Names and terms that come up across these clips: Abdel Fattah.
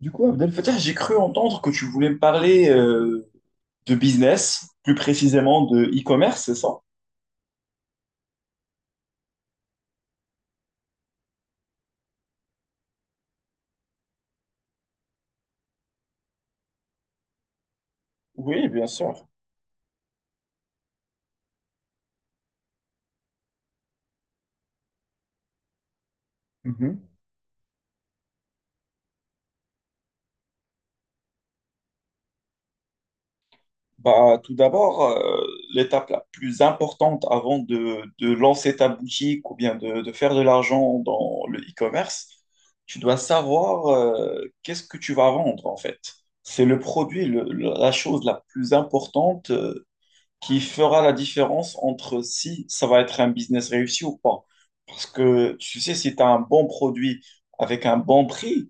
Du coup, Abdel Fattah, j'ai cru entendre que tu voulais me parler de business, plus précisément de e-commerce, c'est ça? Oui, bien sûr. Mhm. Bah, tout d'abord, l'étape la plus importante avant de lancer ta boutique ou bien de faire de l'argent dans le e-commerce, tu dois savoir qu'est-ce que tu vas vendre en fait. C'est le produit, la chose la plus importante qui fera la différence entre si ça va être un business réussi ou pas. Parce que tu sais, si tu as un bon produit avec un bon prix,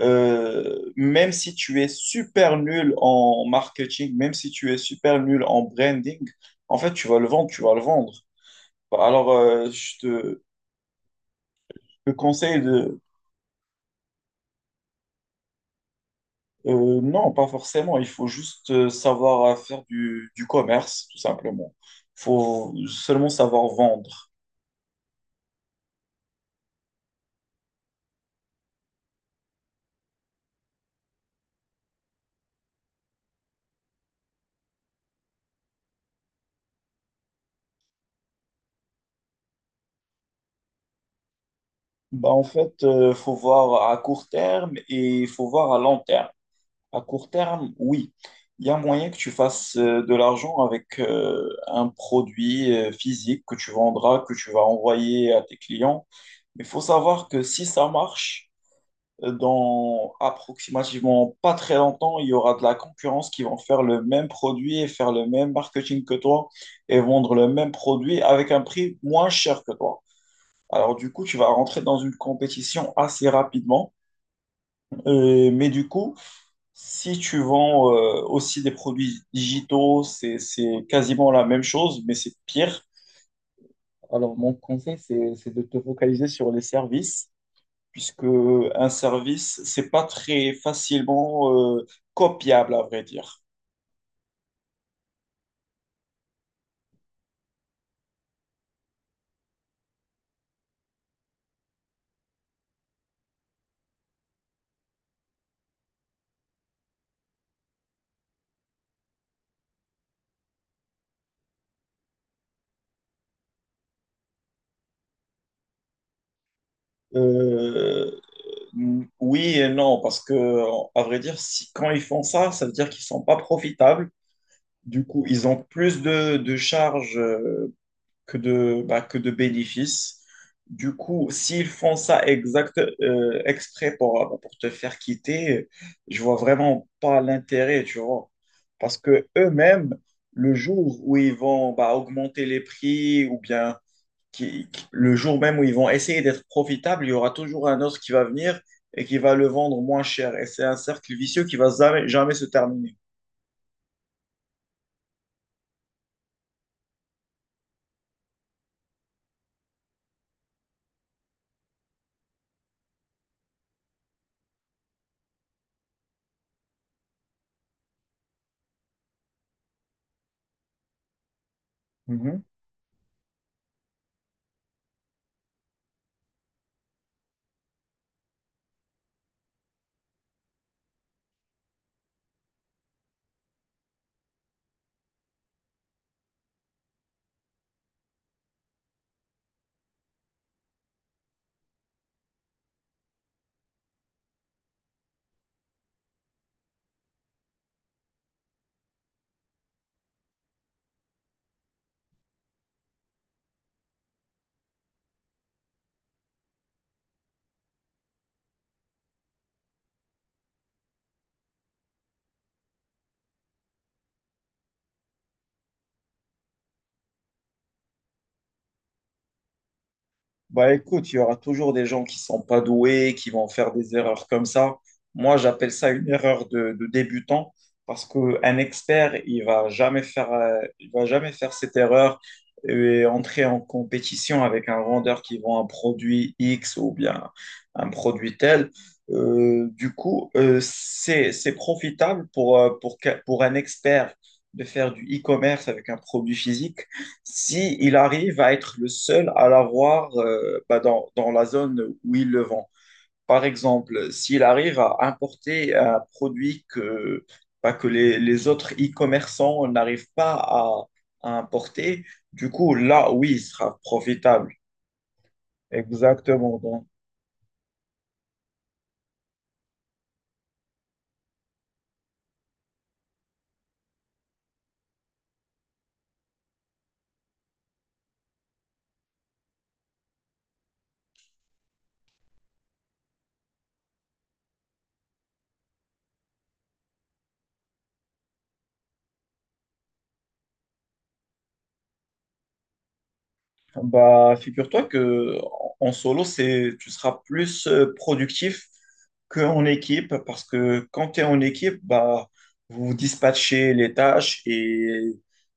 même si tu es super nul en marketing, même si tu es super nul en branding, en fait, tu vas le vendre, tu vas le vendre. Bah, Alors, euh, je te, je te conseille de... non, pas forcément. Il faut juste savoir faire du commerce, tout simplement. Il faut seulement savoir vendre. Bah, en fait, il faut voir à court terme et il faut voir à long terme. À court terme, oui, il y a moyen que tu fasses de l'argent avec un produit physique que tu vendras, que tu vas envoyer à tes clients. Mais il faut savoir que si ça marche, dans approximativement pas très longtemps, il y aura de la concurrence qui vont faire le même produit et faire le même marketing que toi et vendre le même produit avec un prix moins cher que toi. Alors du coup, tu vas rentrer dans une compétition assez rapidement. Mais du coup, si tu vends aussi des produits digitaux, c'est quasiment la même chose, mais c'est pire. Alors mon conseil, c'est de te focaliser sur les services, puisque un service, c'est pas très facilement copiable, à vrai dire. Euh, oui et non, parce que, à vrai dire, si, quand ils font ça, ça veut dire qu'ils sont pas profitables. Du coup, ils ont plus de charges que de, bah, que de bénéfices. Du coup, s'ils font ça exprès pour, bah, pour te faire quitter, je vois vraiment pas l'intérêt, tu vois. Parce que eux-mêmes, le jour où ils vont bah, augmenter les prix ou bien le jour même où ils vont essayer d'être profitables, il y aura toujours un autre qui va venir et qui va le vendre moins cher. Et c'est un cercle vicieux qui va jamais, jamais se terminer. Bah écoute, il y aura toujours des gens qui sont pas doués, qui vont faire des erreurs comme ça. Moi, j'appelle ça une erreur de débutant parce qu'un expert, il va jamais faire, il va jamais faire cette erreur et entrer en compétition avec un vendeur qui vend un produit X ou bien un produit tel. C'est profitable pour, pour un expert de faire du e-commerce avec un produit physique si il arrive à être le seul à l'avoir bah, dans la zone où il le vend. Par exemple, s'il arrive à importer un produit que, bah, que les autres e-commerçants n'arrivent pas à, à importer, du coup, là, oui, il sera profitable. Exactement. Donc, bah, figure-toi que en en solo, c'est, tu seras plus productif qu'en équipe parce que quand tu es en équipe, bah, vous dispatchez les tâches et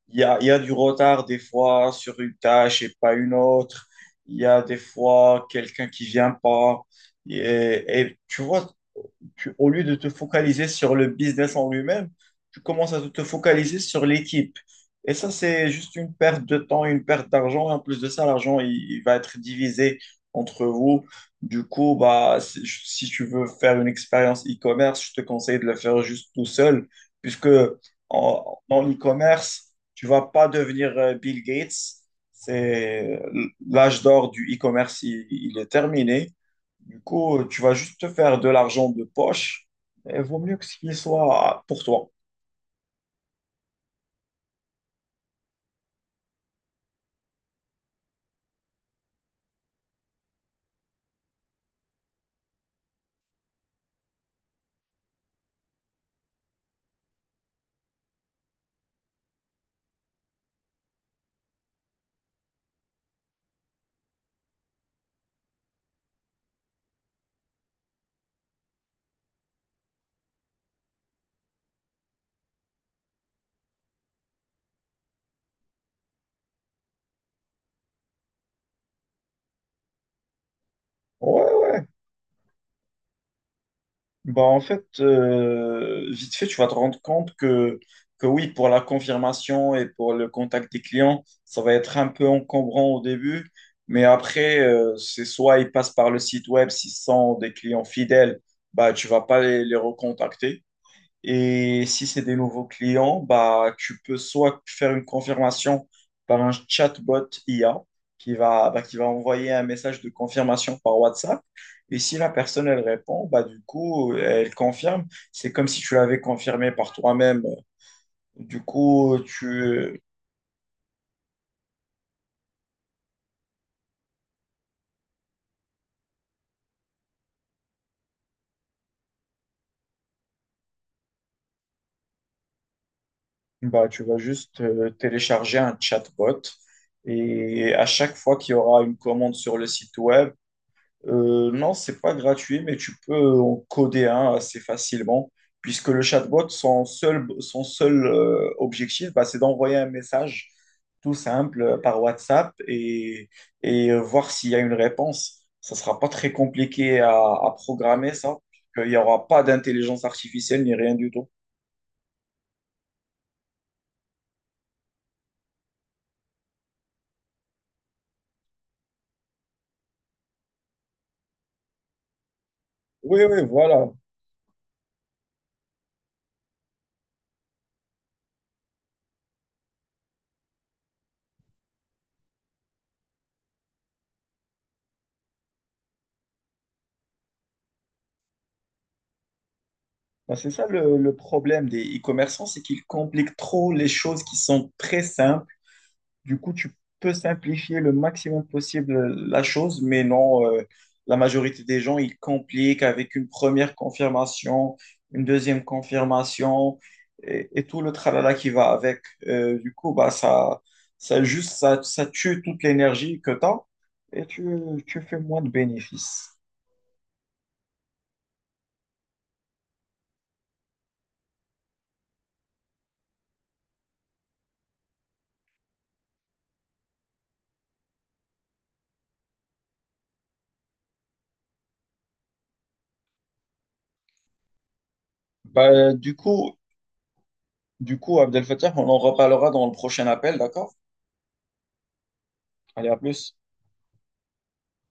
il y a du retard des fois sur une tâche et pas une autre. Il y a des fois quelqu'un qui vient pas. Et, et tu vois, au lieu de te focaliser sur le business en lui-même, tu commences à te focaliser sur l'équipe. Et ça, c'est juste une perte de temps, une perte d'argent. Et en plus de ça, l'argent, il va être divisé entre vous. Du coup, bah, si, si tu veux faire une expérience e-commerce, je te conseille de le faire juste tout seul, puisque en, en e-commerce, tu vas pas devenir Bill Gates. C'est l'âge d'or du e-commerce, il est terminé. Du coup, tu vas juste te faire de l'argent de poche et vaut mieux que ce qu'il soit pour toi. Ouais, bah en fait, vite fait, tu vas te rendre compte que oui, pour la confirmation et pour le contact des clients, ça va être un peu encombrant au début, mais après, c'est soit ils passent par le site web, s'ils sont des clients fidèles, bah tu vas pas les recontacter. Et si c'est des nouveaux clients, bah, tu peux soit faire une confirmation par un chatbot IA qui va, bah, qui va envoyer un message de confirmation par WhatsApp. Et si la personne, elle répond, bah, du coup, elle confirme. C'est comme si tu l'avais confirmé par toi-même. Du coup, tu, bah, tu vas juste télécharger un chatbot. Et à chaque fois qu'il y aura une commande sur le site web, non, c'est pas gratuit, mais tu peux en coder un assez facilement, puisque le chatbot, son seul objectif, bah, c'est d'envoyer un message tout simple par WhatsApp et voir s'il y a une réponse. Ça sera pas très compliqué à programmer ça, puisqu'il n'y aura pas d'intelligence artificielle ni rien du tout. Oui, oui, voilà. Bah, c'est ça le problème des e-commerçants, c'est qu'ils compliquent trop les choses qui sont très simples. Du coup, tu peux simplifier le maximum possible la chose, mais non, la majorité des gens, ils compliquent avec une première confirmation, une deuxième confirmation et tout le tralala qui va avec. Du coup, bah, ça, ça, ça tue toute l'énergie que tu as et tu fais moins de bénéfices. Bah, du coup, Abdel Fattah, on en reparlera dans le prochain appel, d'accord? Allez, à plus.